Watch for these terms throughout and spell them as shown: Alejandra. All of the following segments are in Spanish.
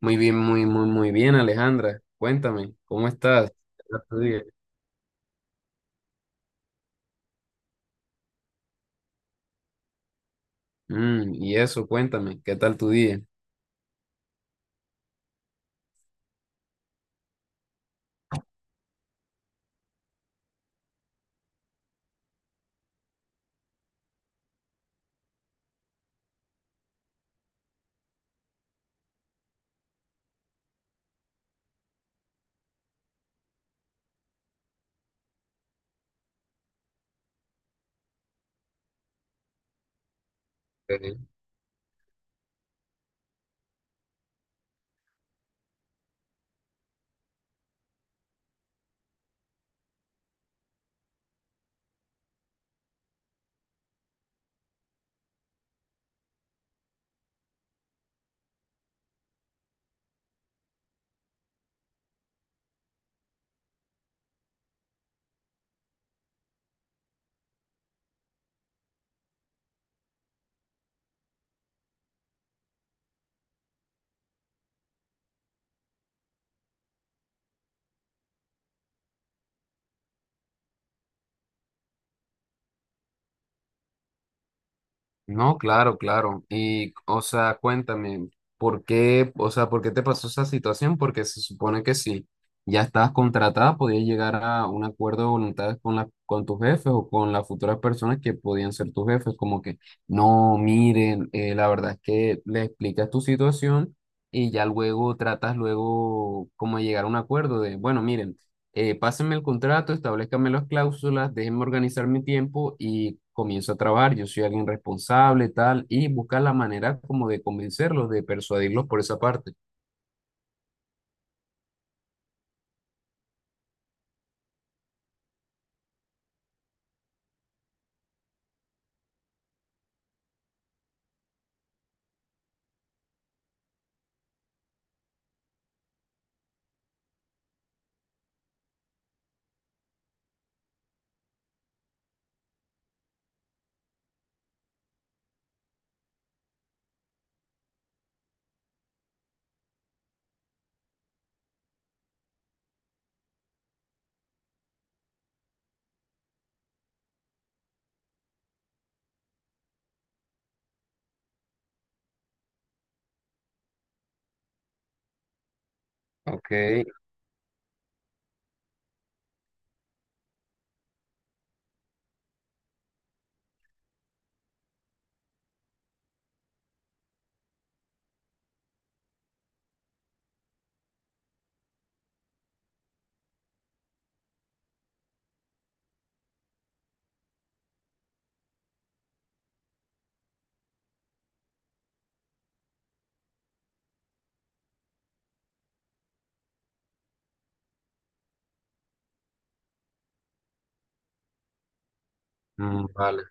Muy bien, muy, muy, muy bien, Alejandra. Cuéntame, ¿cómo estás? ¿Qué tal tu día? Y eso, cuéntame, ¿qué tal tu día? Ok. No, claro, claro. Y, o sea, cuéntame, ¿por qué, o sea, por qué te pasó esa situación? Porque se supone que si ya estabas contratada, podías llegar a un acuerdo de voluntades con con tus jefes o con las futuras personas que podían ser tus jefes, como que, no, miren, la verdad es que le explicas tu situación y ya luego tratas luego como de llegar a un acuerdo de, bueno, miren, pásenme el contrato, establezcanme las cláusulas, déjenme organizar mi tiempo y comienzo a trabajar. Yo soy alguien responsable, tal, y buscar la manera como de convencerlos, de persuadirlos por esa parte. Ok. Mm, vale.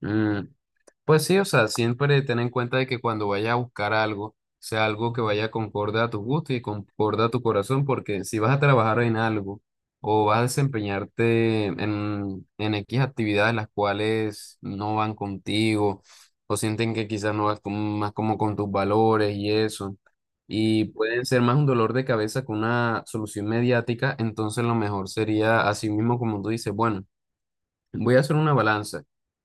Mm, Pues sí, o sea, siempre ten en cuenta de que cuando vayas a buscar algo, sea algo que vaya concorde a tu gusto y concorde a tu corazón, porque si vas a trabajar en algo o vas a desempeñarte en X actividades las cuales no van contigo o sienten que quizás no vas más como con tus valores y eso, y pueden ser más un dolor de cabeza que una solución mediática. Entonces lo mejor sería, así mismo como tú dices, bueno. Voy a hacer una balanza.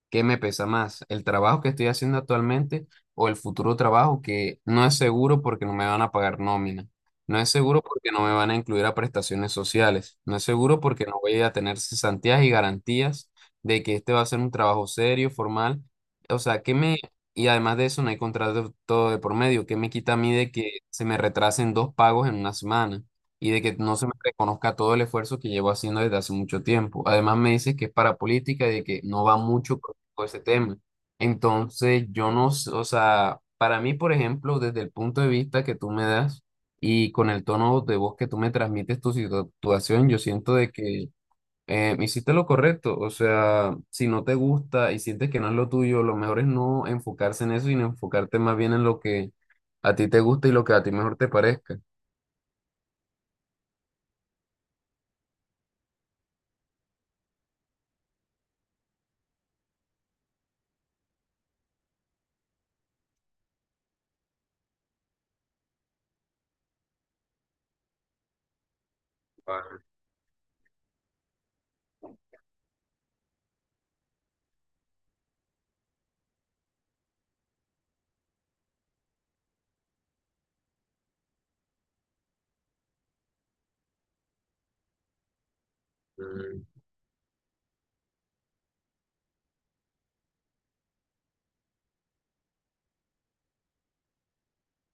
¿Qué me pesa más? ¿El trabajo que estoy haciendo actualmente o el futuro trabajo que no es seguro porque no me van a pagar nómina? No es seguro porque no me van a incluir a prestaciones sociales. No es seguro porque no voy a tener cesantías y garantías de que este va a ser un trabajo serio, formal. O sea, ¿qué me... Y además de eso, no hay contrato todo de por medio. ¿Qué me quita a mí de que se me retrasen dos pagos en una semana y de que no se me reconozca todo el esfuerzo que llevo haciendo desde hace mucho tiempo? Además, me dices que es para política y de que no va mucho con ese tema. Entonces, yo no, o sea, para mí, por ejemplo, desde el punto de vista que tú me das y con el tono de voz que tú me transmites tu situación, yo siento de que hiciste lo correcto. O sea, si no te gusta y sientes que no es lo tuyo, lo mejor es no enfocarse en eso, sino enfocarte más bien en lo que a ti te gusta y lo que a ti mejor te parezca.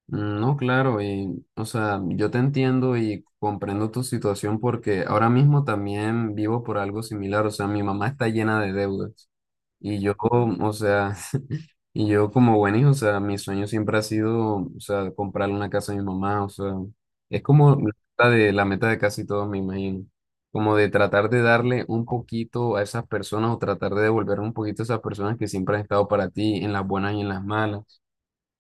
No, claro, y o sea, yo te entiendo y comprendo tu situación porque ahora mismo también vivo por algo similar. O sea, mi mamá está llena de deudas y yo, o sea, y yo como buen hijo, o sea, mi sueño siempre ha sido, o sea, comprarle una casa a mi mamá. O sea, es como la meta de casi todos, me imagino, como de tratar de darle un poquito a esas personas o tratar de devolver un poquito a esas personas que siempre han estado para ti en las buenas y en las malas.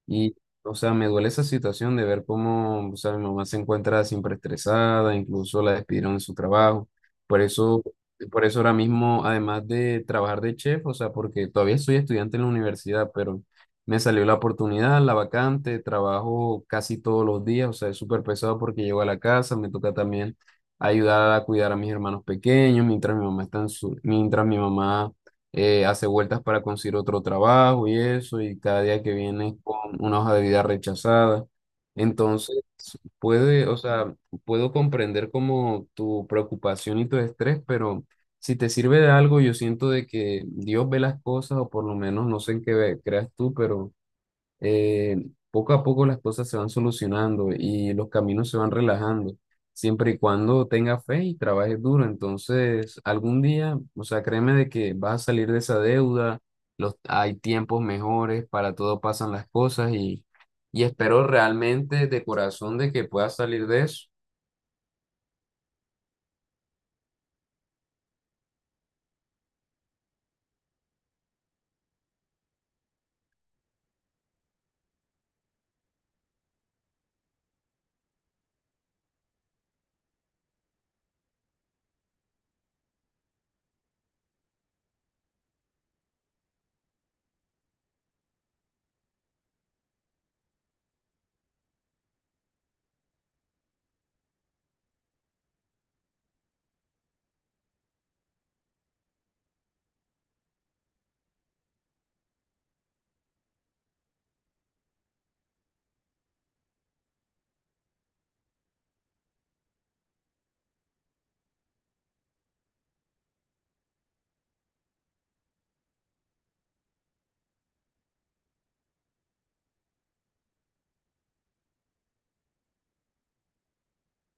Y, o sea, me duele esa situación de ver cómo, o sea, mi mamá se encuentra siempre estresada, incluso la despidieron de su trabajo. Por eso, por eso ahora mismo, además de trabajar de chef, o sea, porque todavía soy estudiante en la universidad, pero me salió la oportunidad, la vacante, trabajo casi todos los días. O sea, es súper pesado porque llego a la casa, me toca también ayudar a cuidar a mis hermanos pequeños, mientras mi mamá está en su, mientras mi mamá hace vueltas para conseguir otro trabajo y eso, y cada día que viene con una hoja de vida rechazada. Entonces, puede, o sea, puedo comprender como tu preocupación y tu estrés, pero si te sirve de algo, yo siento de que Dios ve las cosas, o por lo menos no sé en qué creas tú, pero eh, poco a poco las cosas se van solucionando y los caminos se van relajando, siempre y cuando tengas fe y trabajes duro. Entonces, algún día, o sea, créeme de que vas a salir de esa deuda. Los, hay tiempos mejores, para todo pasan las cosas, y espero realmente de corazón de que puedas salir de eso.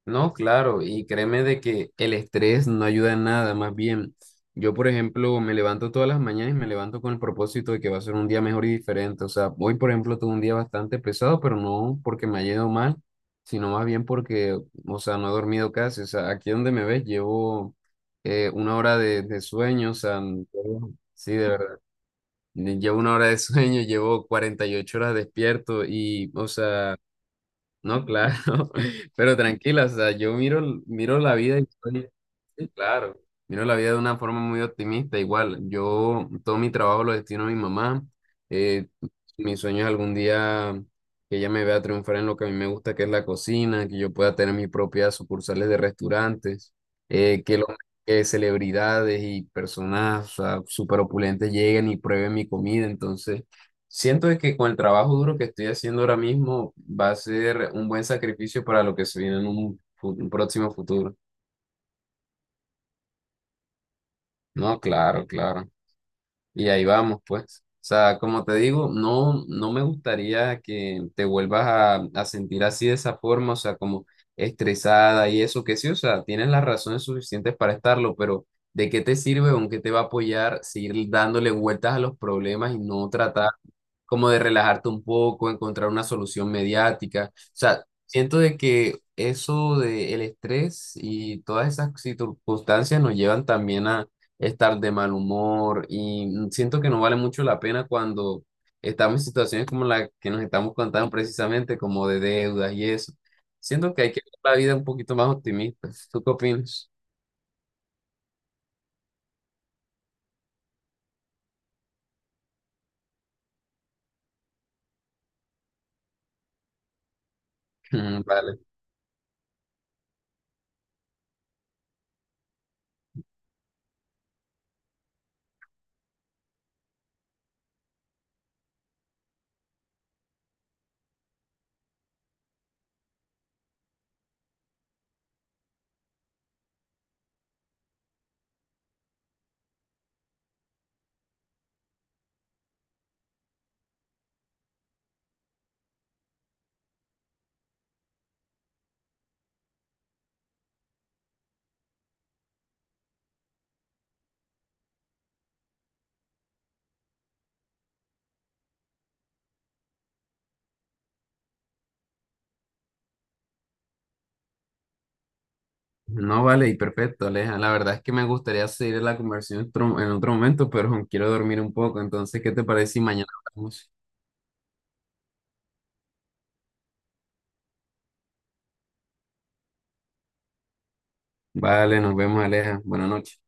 No, claro, y créeme de que el estrés no ayuda en nada, más bien. Yo, por ejemplo, me levanto todas las mañanas y me levanto con el propósito de que va a ser un día mejor y diferente. O sea, hoy, por ejemplo, tuve un día bastante pesado, pero no porque me haya ido mal, sino más bien porque, o sea, no he dormido casi. O sea, aquí donde me ves, llevo una hora de sueño, o sea, sí, de verdad. Llevo una hora de sueño, llevo 48 horas despierto y, o sea... No, claro, pero tranquila, o sea, yo miro, miro la vida y soy, sí, claro, miro la vida de una forma muy optimista. Igual, yo todo mi trabajo lo destino a mi mamá, eh, mi sueño es algún día que ella me vea triunfar en lo que a mí me gusta, que es la cocina, que yo pueda tener mis propias sucursales de restaurantes, eh, que, lo- que celebridades y personas, o sea, súper opulentes lleguen y prueben mi comida, entonces... Siento de que con el trabajo duro que estoy haciendo ahora mismo va a ser un buen sacrificio para lo que se viene en un próximo futuro. No, claro, claro. Y ahí vamos, pues. O sea, como te digo, no, no me gustaría que te vuelvas a sentir así de esa forma, o sea, como estresada y eso, que sí, o sea, tienes las razones suficientes para estarlo, pero ¿de qué te sirve o en qué te va a apoyar seguir dándole vueltas a los problemas y no tratar como de relajarte un poco, encontrar una solución mediática? O sea, siento de que eso del estrés y todas esas circunstancias nos llevan también a estar de mal humor y siento que no vale mucho la pena cuando estamos en situaciones como la que nos estamos contando precisamente, como de deudas y eso. Siento que hay que ver la vida un poquito más optimista. ¿Tú qué opinas? Vale. No vale, y perfecto, Aleja. La verdad es que me gustaría seguir la conversación en otro momento, pero quiero dormir un poco. Entonces, ¿qué te parece si mañana hablamos? Vale, nos vemos, Aleja. Buenas noches.